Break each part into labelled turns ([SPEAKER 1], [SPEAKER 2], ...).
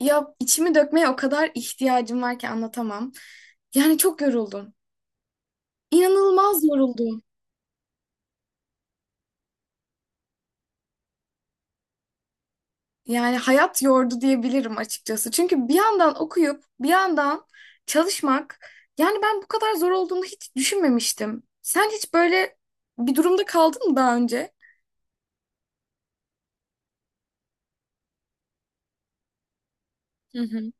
[SPEAKER 1] Ya içimi dökmeye o kadar ihtiyacım var ki anlatamam. Yani çok yoruldum. İnanılmaz yoruldum. Yani hayat yordu diyebilirim açıkçası. Çünkü bir yandan okuyup bir yandan çalışmak yani ben bu kadar zor olduğunu hiç düşünmemiştim. Sen hiç böyle bir durumda kaldın mı daha önce? Hı hı.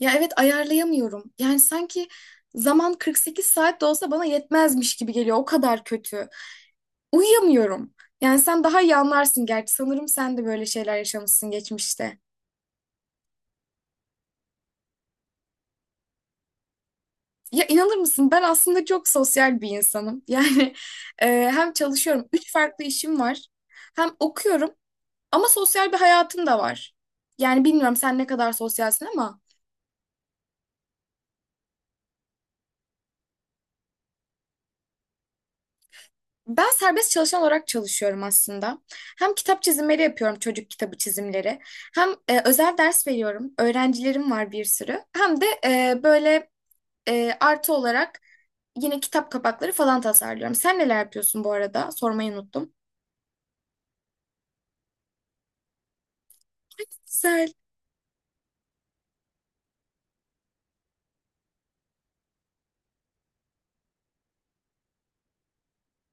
[SPEAKER 1] Ya evet, ayarlayamıyorum. Yani sanki zaman 48 saat de olsa bana yetmezmiş gibi geliyor. O kadar kötü. Uyuyamıyorum. Yani sen daha iyi anlarsın gerçi. Sanırım sen de böyle şeyler yaşamışsın geçmişte. Ya inanır mısın? Ben aslında çok sosyal bir insanım. E, Hem çalışıyorum, üç farklı işim var. Hem okuyorum ama sosyal bir hayatım da var. Yani bilmiyorum sen ne kadar sosyalsin ama ben serbest çalışan olarak çalışıyorum aslında. Hem kitap çizimleri yapıyorum, çocuk kitabı çizimleri. Hem özel ders veriyorum. Öğrencilerim var bir sürü. Hem de böyle artı olarak yine kitap kapakları falan tasarlıyorum. Sen neler yapıyorsun bu arada? Sormayı unuttum. Güzel.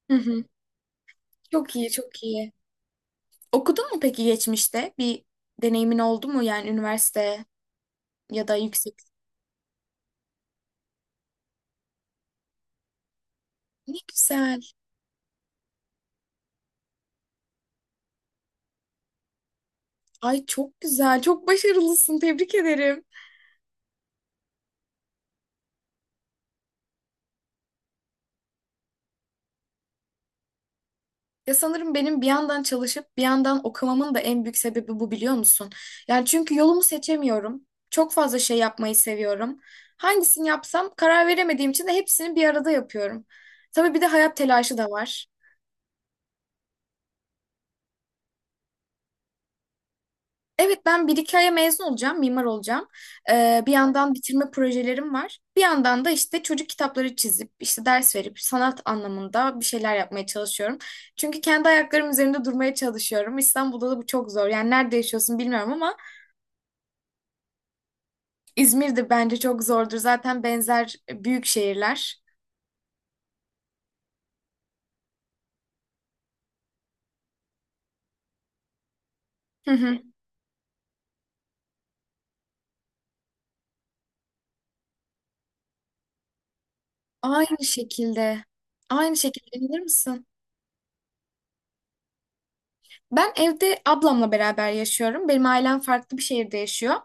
[SPEAKER 1] Hı hı. Çok iyi, çok iyi. Okudun mu peki geçmişte? Bir deneyimin oldu mu yani üniversite ya da yüksek? Ne güzel. Ay, çok güzel. Çok başarılısın. Tebrik ederim. Ya sanırım benim bir yandan çalışıp bir yandan okumamın da en büyük sebebi bu, biliyor musun? Yani çünkü yolumu seçemiyorum. Çok fazla şey yapmayı seviyorum. Hangisini yapsam karar veremediğim için de hepsini bir arada yapıyorum. Tabii bir de hayat telaşı da var. Evet, ben bir iki aya mezun olacağım, mimar olacağım. Bir yandan bitirme projelerim var. Bir yandan da işte çocuk kitapları çizip, işte ders verip sanat anlamında bir şeyler yapmaya çalışıyorum. Çünkü kendi ayaklarım üzerinde durmaya çalışıyorum. İstanbul'da da bu çok zor. Yani nerede yaşıyorsun bilmiyorum ama İzmir'de bence çok zordur. Zaten benzer büyük şehirler. Hı hı. Aynı şekilde. Aynı şekilde, inanır mısın? Ben evde ablamla beraber yaşıyorum. Benim ailem farklı bir şehirde yaşıyor.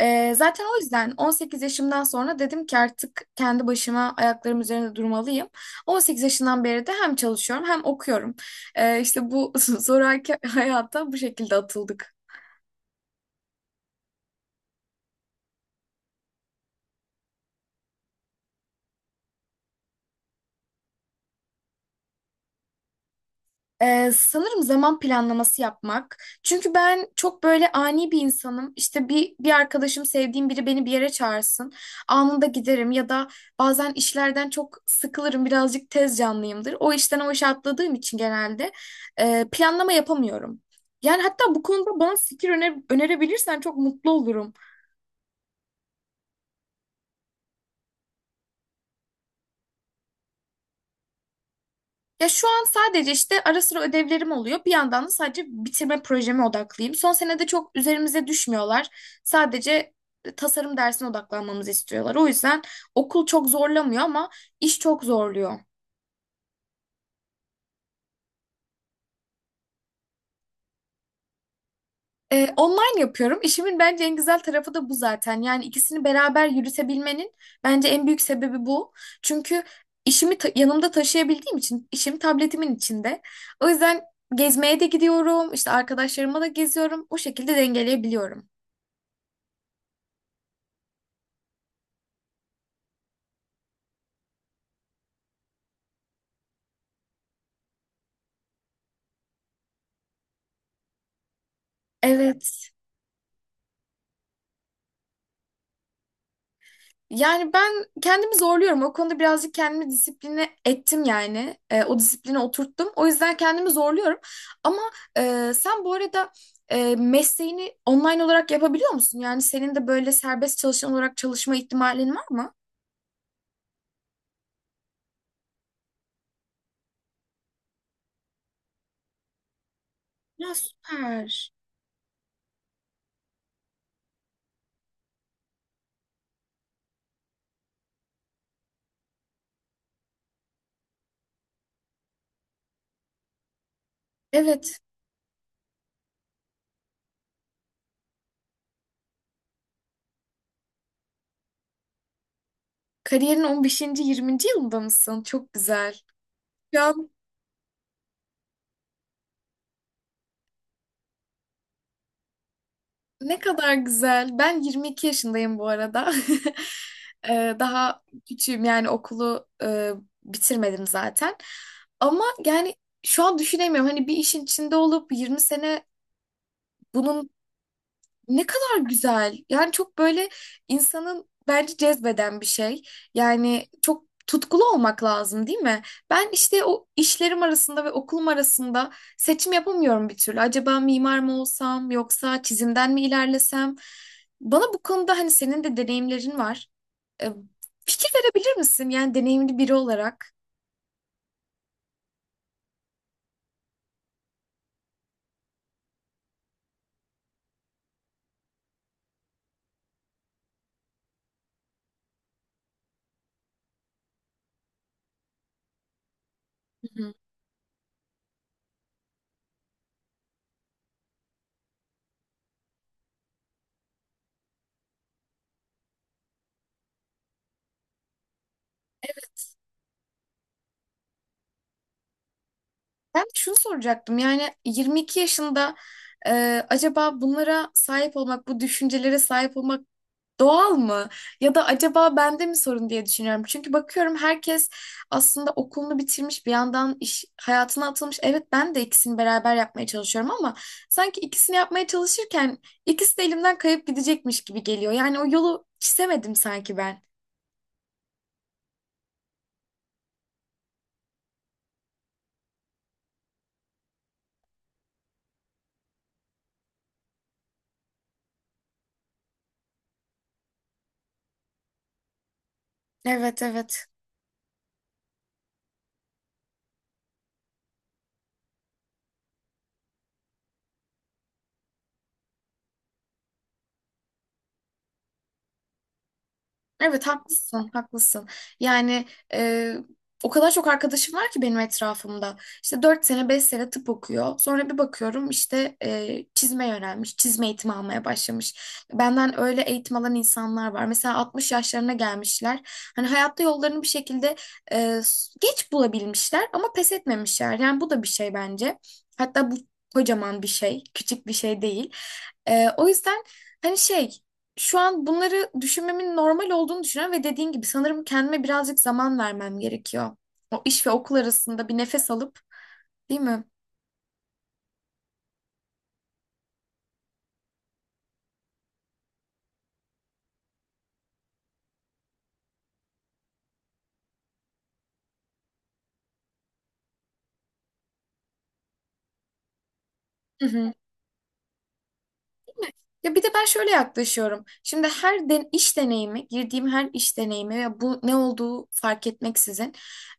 [SPEAKER 1] Zaten o yüzden 18 yaşımdan sonra dedim ki artık kendi başıma ayaklarım üzerinde durmalıyım. 18 yaşından beri de hem çalışıyorum hem okuyorum. İşte bu zoraki hayata bu şekilde atıldık. Sanırım zaman planlaması yapmak. Çünkü ben çok böyle ani bir insanım. İşte bir arkadaşım, sevdiğim biri beni bir yere çağırsın. Anında giderim ya da bazen işlerden çok sıkılırım. Birazcık tez canlıyımdır. O işten o işe atladığım için genelde planlama yapamıyorum. Yani hatta bu konuda bana fikir önerebilirsen çok mutlu olurum. Ya şu an sadece işte ara sıra ödevlerim oluyor. Bir yandan da sadece bitirme projeme odaklıyım. Son senede çok üzerimize düşmüyorlar. Sadece tasarım dersine odaklanmamızı istiyorlar. O yüzden okul çok zorlamıyor ama iş çok zorluyor. Online yapıyorum. İşimin bence en güzel tarafı da bu zaten. Yani ikisini beraber yürütebilmenin bence en büyük sebebi bu. Çünkü işimi yanımda taşıyabildiğim için işim tabletimin içinde. O yüzden gezmeye de gidiyorum, işte arkadaşlarıma da geziyorum. O şekilde dengeleyebiliyorum. Evet. Yani ben kendimi zorluyorum. O konuda birazcık kendimi disipline ettim yani. O disipline oturttum. O yüzden kendimi zorluyorum. Ama sen bu arada mesleğini online olarak yapabiliyor musun? Yani senin de böyle serbest çalışan olarak çalışma ihtimalin var mı? Ya süper. Evet. Kariyerin 15. yirminci yılında mısın? Çok güzel. Ya ne kadar güzel. Ben 22 yaşındayım bu arada. Daha küçüğüm, yani okulu bitirmedim zaten. Ama yani şu an düşünemiyorum. Hani bir işin içinde olup 20 sene bunun ne kadar güzel. Yani çok böyle insanın bence cezbeden bir şey. Yani çok tutkulu olmak lazım, değil mi? Ben işte o işlerim arasında ve okulum arasında seçim yapamıyorum bir türlü. Acaba mimar mı olsam yoksa çizimden mi ilerlesem? Bana bu konuda hani senin de deneyimlerin var. E, Fikir verebilir misin? Yani deneyimli biri olarak. Hı hı. Ben de şunu soracaktım. Yani 22 yaşında acaba bunlara sahip olmak, bu düşüncelere sahip olmak doğal mı? Ya da acaba bende mi sorun diye düşünüyorum. Çünkü bakıyorum, herkes aslında okulunu bitirmiş, bir yandan iş hayatına atılmış. Evet, ben de ikisini beraber yapmaya çalışıyorum ama sanki ikisini yapmaya çalışırken ikisi de elimden kayıp gidecekmiş gibi geliyor. Yani o yolu çizemedim sanki ben. Evet, evet. Evet, haklısın, haklısın. Yani e, o kadar çok arkadaşım var ki benim etrafımda. İşte 4 sene 5 sene tıp okuyor. Sonra bir bakıyorum, işte çizme yönelmiş, çizme eğitimi almaya başlamış. Benden öyle eğitim alan insanlar var. Mesela 60 yaşlarına gelmişler. Hani hayatta yollarını bir şekilde e, geç bulabilmişler ama pes etmemişler. Yani bu da bir şey bence. Hatta bu kocaman bir şey, küçük bir şey değil. O yüzden hani şey şu an bunları düşünmemin normal olduğunu düşünüyorum ve dediğin gibi sanırım kendime birazcık zaman vermem gerekiyor. O iş ve okul arasında bir nefes alıp, değil mi? Hı hı. Ya bir de ben şöyle yaklaşıyorum. Şimdi her den iş deneyimi, girdiğim her iş deneyimi ve bu ne olduğu fark etmeksizin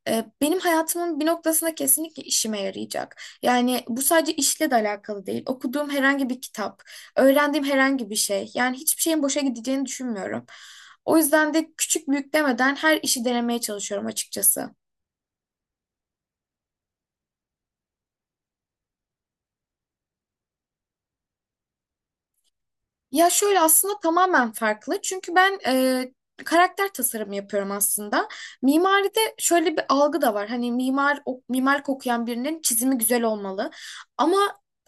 [SPEAKER 1] benim hayatımın bir noktasında kesinlikle işime yarayacak. Yani bu sadece işle de alakalı değil. Okuduğum herhangi bir kitap, öğrendiğim herhangi bir şey. Yani hiçbir şeyin boşa gideceğini düşünmüyorum. O yüzden de küçük büyük demeden her işi denemeye çalışıyorum açıkçası. Ya şöyle, aslında tamamen farklı. Çünkü ben karakter tasarımı yapıyorum aslında. Mimaride şöyle bir algı da var. Hani mimar o, mimarlık okuyan birinin çizimi güzel olmalı. Ama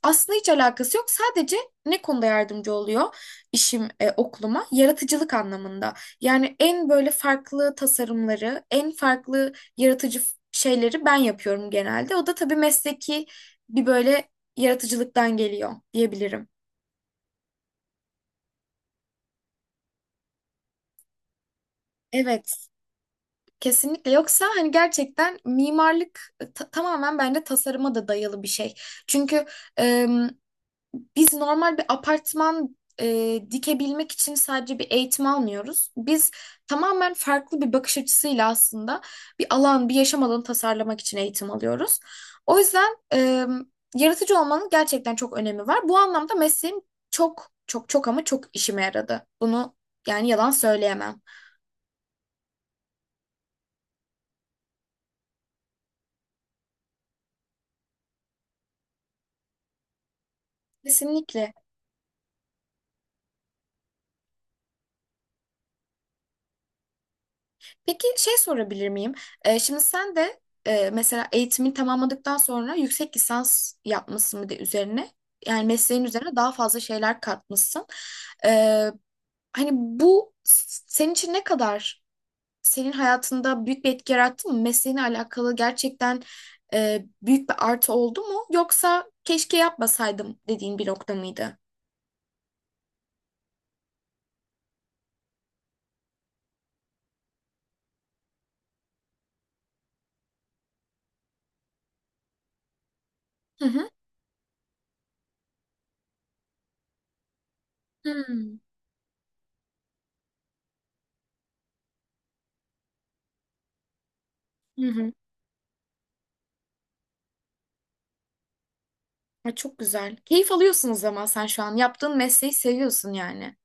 [SPEAKER 1] aslında hiç alakası yok. Sadece ne konuda yardımcı oluyor işim okuluma? Yaratıcılık anlamında. Yani en böyle farklı tasarımları, en farklı yaratıcı şeyleri ben yapıyorum genelde. O da tabii mesleki bir böyle yaratıcılıktan geliyor diyebilirim. Evet. Kesinlikle, yoksa hani gerçekten mimarlık tamamen bence tasarıma da dayalı bir şey. Çünkü e, biz normal bir apartman dikebilmek için sadece bir eğitim almıyoruz. Biz tamamen farklı bir bakış açısıyla aslında bir alan, bir yaşam alanı tasarlamak için eğitim alıyoruz. O yüzden yaratıcı olmanın gerçekten çok önemi var. Bu anlamda mesleğim çok çok çok ama çok işime yaradı. Bunu yani yalan söyleyemem. Kesinlikle. Peki şey sorabilir miyim? Şimdi sen de mesela eğitimini tamamladıktan sonra yüksek lisans yapmışsın bir de üzerine. Yani mesleğin üzerine daha fazla şeyler katmışsın. Ee, Hani bu senin için ne kadar senin hayatında büyük bir etki yarattı mı? Mesleğine alakalı gerçekten büyük bir artı oldu mu? Yoksa keşke yapmasaydım dediğin bir nokta mıydı? Hı hı. Hmm. Hı hı. Ay, çok güzel. Keyif alıyorsun o zaman sen şu an. Yaptığın mesleği seviyorsun yani.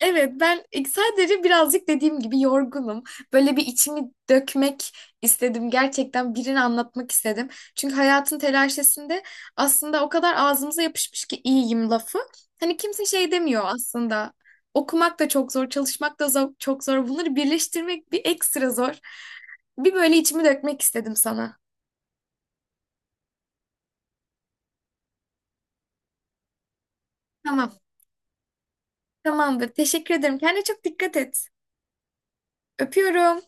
[SPEAKER 1] Evet, ben sadece birazcık dediğim gibi yorgunum. Böyle bir içimi dökmek istedim. Gerçekten birini anlatmak istedim. Çünkü hayatın telaşesinde aslında o kadar ağzımıza yapışmış ki iyiyim lafı. Hani kimse şey demiyor aslında. Okumak da çok zor, çalışmak da çok zor. Bunları birleştirmek bir ekstra zor. Bir böyle içimi dökmek istedim sana. Tamam, tamamdır. Teşekkür ederim. Kendine çok dikkat et. Öpüyorum.